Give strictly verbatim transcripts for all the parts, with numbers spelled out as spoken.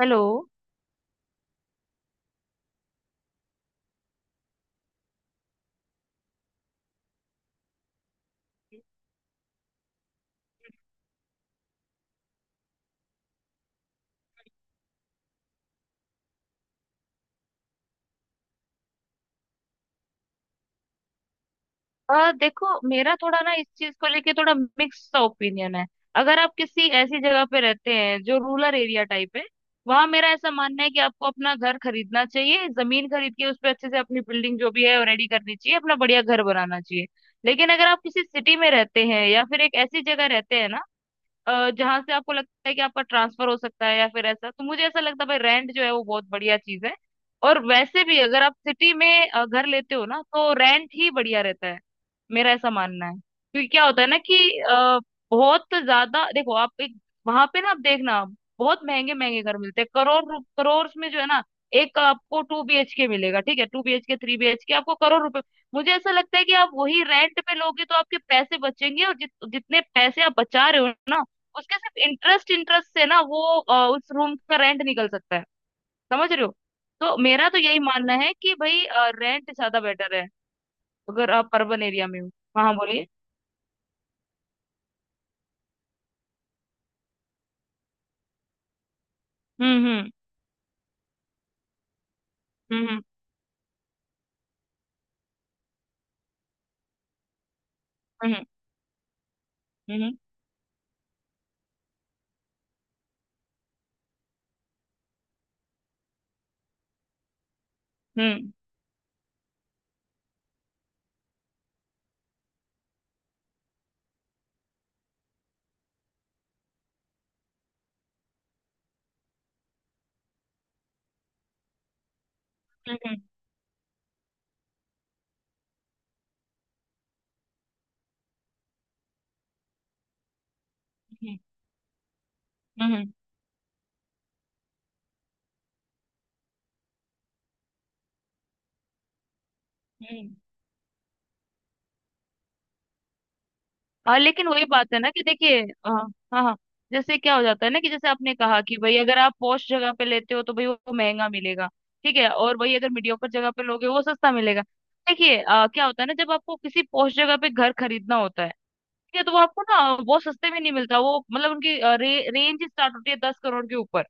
Hello. अ, देखो मेरा थोड़ा ना इस चीज को लेके थोड़ा मिक्स सा ओपिनियन है। अगर आप किसी ऐसी जगह पे रहते हैं जो रूरल एरिया टाइप है, वहां मेरा ऐसा मानना है कि आपको अपना घर खरीदना चाहिए, जमीन खरीद के उस पर अच्छे से अपनी बिल्डिंग जो भी है रेडी करनी चाहिए, अपना बढ़िया घर बनाना चाहिए। लेकिन अगर आप किसी सिटी में रहते हैं या फिर एक ऐसी जगह रहते हैं ना, जहां से आपको लगता है कि आपका ट्रांसफर हो सकता है या फिर ऐसा, तो मुझे ऐसा लगता है भाई रेंट जो है वो बहुत बढ़िया चीज है। और वैसे भी अगर आप सिटी में अ, घर लेते हो ना तो रेंट ही बढ़िया रहता है। मेरा ऐसा मानना है, क्योंकि क्या होता है ना कि अ, बहुत ज्यादा देखो आप एक, वहां पे ना आप देखना बहुत महंगे महंगे घर मिलते हैं करोड़ रु- करोड़ में जो है ना। एक आपको टू बी एच के मिलेगा, ठीक है, two B H K three B H K आपको करोड़ रुपए। मुझे ऐसा लगता है कि आप वही रेंट पे लोगे तो आपके पैसे बचेंगे, और जित, जितने पैसे आप बचा रहे हो ना, उसके सिर्फ इंटरेस्ट इंटरेस्ट से ना वो अ, उस रूम का रेंट निकल सकता है। समझ रहे हो। तो मेरा तो यही मानना है कि भाई रेंट ज्यादा बेटर है, अगर आप अर्बन एरिया में हो। हाँ, बोलिए। हम्म, हम्म, हम्म, हम्म, हम्म, हम्म, हम्म, हम्म, हम्म, हम्म, हम्म, हम्म। और लेकिन वही बात है ना कि देखिए अ, हाँ हाँ। जैसे क्या हो जाता है ना कि जैसे आपने कहा कि भाई अगर आप पॉश जगह पे लेते हो तो भाई वो महंगा मिलेगा, ठीक है, और वही अगर मीडियोकर जगह पे लोगे वो सस्ता मिलेगा। देखिए अ, क्या होता है ना, जब आपको किसी पॉश जगह पे घर खरीदना होता है, ठीक है, तो वो आपको ना बहुत सस्ते में नहीं मिलता, वो मतलब उनकी अ, रे, रेंज स्टार्ट होती है दस करोड़ के ऊपर,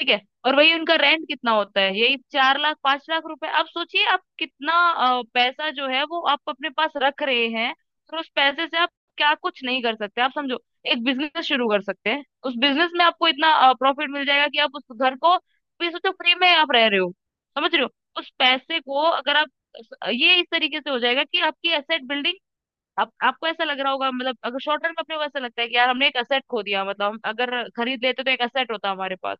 ठीक है। और वही उनका रेंट कितना होता है, यही चार लाख पांच लाख रुपए। आप सोचिए आप कितना अ, पैसा जो है वो आप अपने पास रख रहे हैं। और उस पैसे से आप क्या कुछ नहीं कर सकते, आप समझो, एक बिजनेस शुरू कर सकते हैं, उस बिजनेस में आपको इतना प्रॉफिट मिल जाएगा कि आप उस घर को भी सोचो फ्री में आप रह रहे हो। समझ रहे हो। उस पैसे को अगर आप ये इस तरीके से हो जाएगा कि आपकी एसेट बिल्डिंग, आप, आपको ऐसा लग रहा होगा मतलब अगर शॉर्ट टर्म में अपने को ऐसा लगता है कि यार हमने एक एसेट खो दिया, मतलब हम अगर खरीद लेते तो एक एसेट होता हमारे पास।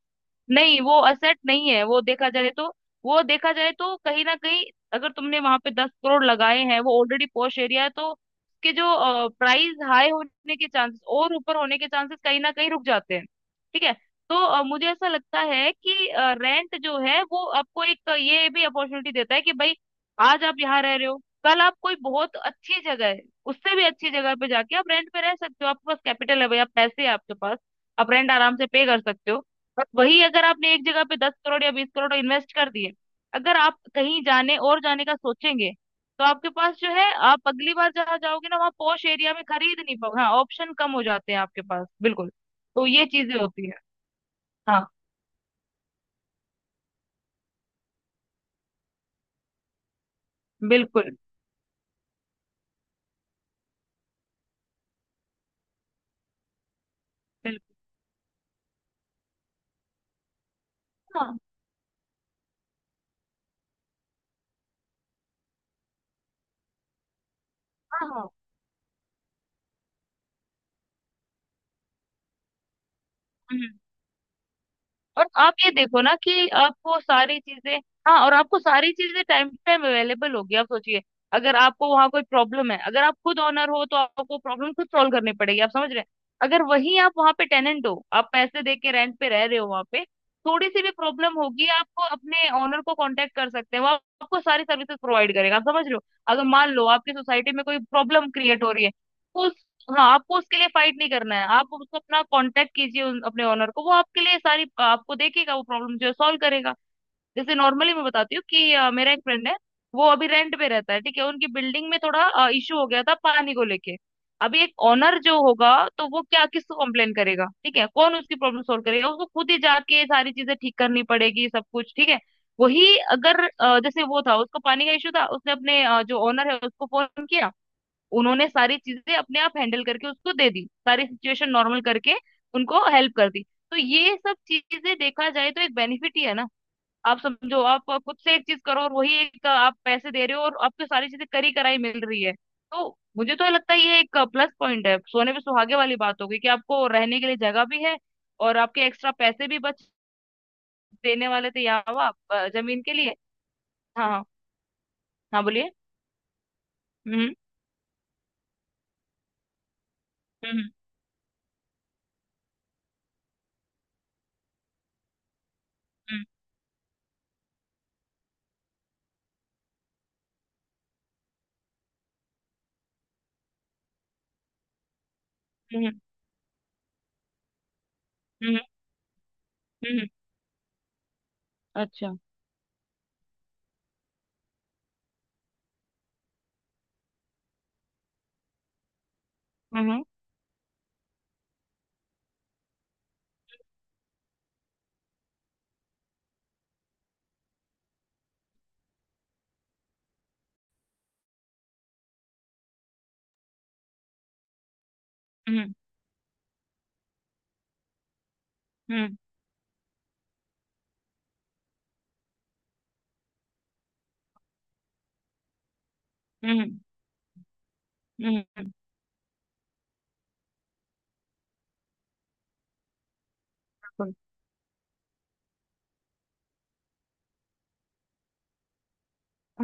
नहीं, वो असेट नहीं है, वो देखा जाए तो, वो देखा जाए तो कहीं ना कहीं अगर तुमने वहां पे दस करोड़ लगाए हैं, वो ऑलरेडी पॉश एरिया है, तो उसके जो प्राइस हाई होने के चांसेस और ऊपर होने के चांसेस कहीं ना कहीं रुक जाते हैं, ठीक है। तो अ, मुझे ऐसा लगता है कि रेंट जो है वो आपको एक अ, ये भी अपॉर्चुनिटी देता है कि भाई आज आप यहाँ रह रहे हो, कल आप कोई बहुत अच्छी जगह है, उससे भी अच्छी जगह पे जाके आप रेंट पे रह सकते हो, आपके पास कैपिटल है भाई, आप पैसे हैं आपके पास, आप रेंट आराम से पे कर सकते हो। और वही अगर आपने एक जगह पे दस करोड़ या बीस करोड़ इन्वेस्ट कर दिए, अगर आप कहीं जाने और जाने का सोचेंगे, तो आपके पास जो है आप अगली बार जहाँ जाओगे ना वहाँ पॉश एरिया में खरीद नहीं पाओगे, हाँ, ऑप्शन कम हो जाते हैं आपके पास, बिल्कुल। तो ये चीजें होती है। हाँ। बिल्कुल। बिल्कुल। हाँ हाँ हाँ। और आप ये देखो ना कि आपको सारी चीजें, हाँ और आपको सारी चीजें टाइम टू टाइम अवेलेबल होगी। आप सोचिए, अगर आपको वहाँ कोई प्रॉब्लम है, अगर आप खुद ओनर हो तो आपको प्रॉब्लम खुद सॉल्व करनी पड़ेगी, आप समझ रहे हैं। अगर वहीं आप वहाँ पे टेनेंट हो, आप पैसे दे के रेंट पे रह रहे हो वहाँ पे, थोड़ी सी भी प्रॉब्लम होगी आपको, अपने ओनर को कांटेक्ट कर सकते हैं, वो आपको सारी सर्विसेज प्रोवाइड करेगा, आप समझ रहे हो। अगर मान लो आपकी सोसाइटी में कोई प्रॉब्लम क्रिएट हो रही है तो, हाँ, आपको उसके लिए फाइट नहीं करना है, आप उसको अपना कांटेक्ट कीजिए उन, अपने ओनर को, वो आपके लिए सारी आपको देखेगा, वो प्रॉब्लम जो है सॉल्व करेगा। जैसे नॉर्मली मैं बताती हूँ कि अ, मेरा एक फ्रेंड है, वो अभी रेंट पे रहता है, ठीक है, उनकी बिल्डिंग में थोड़ा इशू हो गया था पानी को लेके। अभी एक ओनर जो होगा, तो वो क्या किसको कंप्लेन करेगा, ठीक है, कौन उसकी प्रॉब्लम सॉल्व करेगा, उसको खुद ही जाके सारी चीजें ठीक करनी पड़ेगी सब कुछ, ठीक है। वही अगर अ, जैसे वो था उसको पानी का इशू था, उसने अपने अ, जो ओनर है उसको फोन किया, उन्होंने सारी चीजें अपने आप हैंडल करके उसको दे दी, सारी सिचुएशन नॉर्मल करके उनको हेल्प कर दी। तो ये सब चीजें देखा जाए तो एक बेनिफिट ही है ना। आप समझो, आप खुद से एक चीज करो, और वही एक आप पैसे दे रहे हो और आपको सारी चीजें करी कराई मिल रही है। तो मुझे तो लगता है ये एक प्लस पॉइंट है, सोने पे सुहागे वाली बात हो गई कि आपको रहने के लिए जगह भी है और आपके एक्स्ट्रा पैसे भी बच, देने वाले थे यहाँ आप अ, जमीन के लिए। हाँ हाँ। हाँ, बोलिए। हम्म। हम्म। हम्म। हम्म। हम्म। हम्म, हम्म, अच्छा। हम्म। हम्म। हम्म। हम्म। हम्म। बिल्कुल।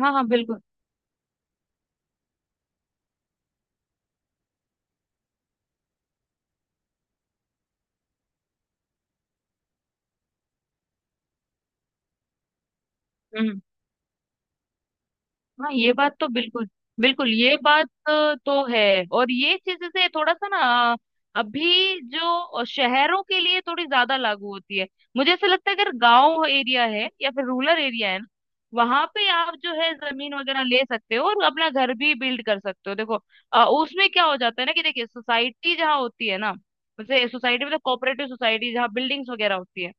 हाँ हाँ बिल्कुल। हम्म। हाँ ये बात तो बिल्कुल, बिल्कुल ये बात अ, तो है। और ये चीजें से थोड़ा सा ना, अ, अभी जो शहरों के लिए थोड़ी ज्यादा लागू होती है। मुझे ऐसा लगता है अगर गांव एरिया है या फिर रूरल एरिया है ना, वहां पे आप जो है जमीन वगैरह ले सकते हो और अपना घर भी बिल्ड कर सकते हो, देखो अ, उसमें क्या हो जाता है ना कि देखिए सोसाइटी जहाँ होती है ना, जैसे सोसाइटी मतलब कोऑपरेटिव सोसाइटी जहाँ बिल्डिंग्स वगैरह होती है,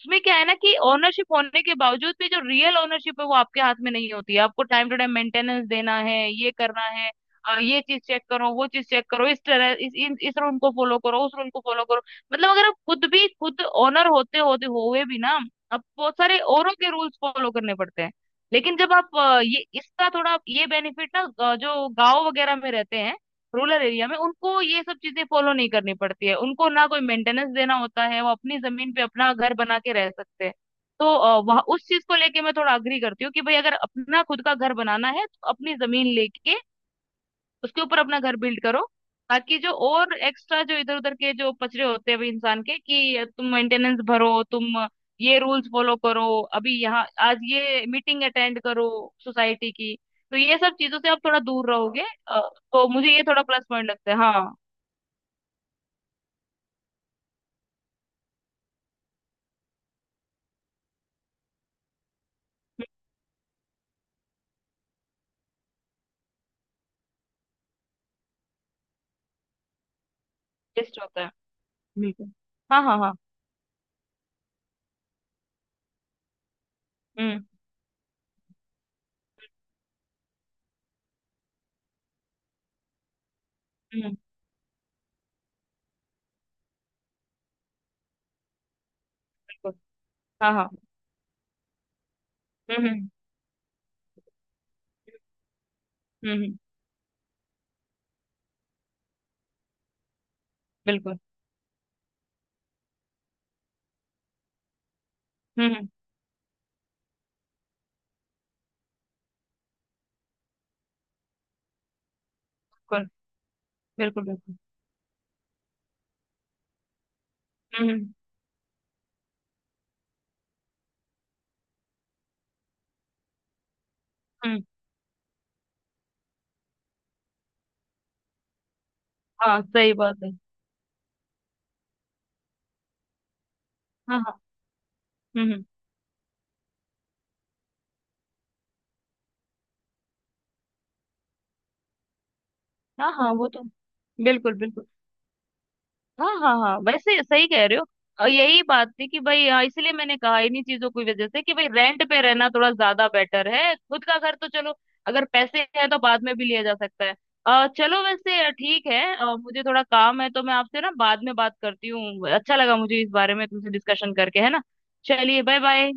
उसमें क्या है ना कि ओनरशिप होने के बावजूद भी जो रियल ओनरशिप है वो आपके हाथ में नहीं होती है, आपको टाइम टू टाइम मेंटेनेंस देना है, ये करना है, और ये चीज चेक करो वो चीज चेक करो, इस तरह इस इन, इस रूल को फॉलो करो, उस रूल को फॉलो करो। मतलब अगर आप खुद भी खुद ओनर होते होते हुए भी ना, आप बहुत सारे औरों के रूल्स फॉलो करने पड़ते हैं। लेकिन जब आप अ, ये इसका थोड़ा ये बेनिफिट ना, अ, जो गांव वगैरह में रहते हैं रूरल एरिया में, उनको ये सब चीजें फॉलो नहीं करनी पड़ती है, उनको ना कोई मेंटेनेंस देना होता है, वो अपनी जमीन पे अपना घर बना के रह सकते हैं। तो अ, वह उस चीज को लेके मैं थोड़ा अग्री करती हूँ कि भाई अगर अपना खुद का घर बनाना है तो अपनी जमीन लेके उसके ऊपर अपना घर बिल्ड करो, ताकि जो और एक्स्ट्रा जो इधर उधर के जो पचड़े होते हैं अभी इंसान के कि तुम मेंटेनेंस भरो, तुम ये रूल्स फॉलो करो, अभी यहाँ आज ये मीटिंग अटेंड करो सोसाइटी की, तो ये सब चीजों से आप थोड़ा दूर रहोगे। अ, तो मुझे ये थोड़ा प्लस पॉइंट लगता है। हाँ। बेस्ट होता है। बिल्कुल। हाँ हाँ हाँ। हम्म। हम्म। बिल्कुल। हाँ हाँ। हम्म। हम्म। हम्म। हम्म, बिल्कुल। हम्म। हम्म। बिल्कुल। बिल्कुल। बिल्कुल। हम्म। हम्म। हम्म, हाँ सही बात है। हाँ हाँ। हम्म। हम्म। हाँ हाँ वो तो। बिल्कुल। बिल्कुल। हाँ हाँ हाँ वैसे सही कह रहे हो। और यही बात थी कि भाई हाँ, इसलिए मैंने कहा, इन्हीं चीजों की वजह से कि भाई रेंट पे रहना थोड़ा ज्यादा बेटर है, खुद का घर तो चलो अगर पैसे हैं तो बाद में भी लिया जा सकता है। अ, चलो वैसे ठीक है, अ, मुझे थोड़ा काम है, तो मैं आपसे ना बाद में बात करती हूँ, अच्छा लगा मुझे इस बारे में तुमसे डिस्कशन करके, है ना। चलिए, बाय बाय।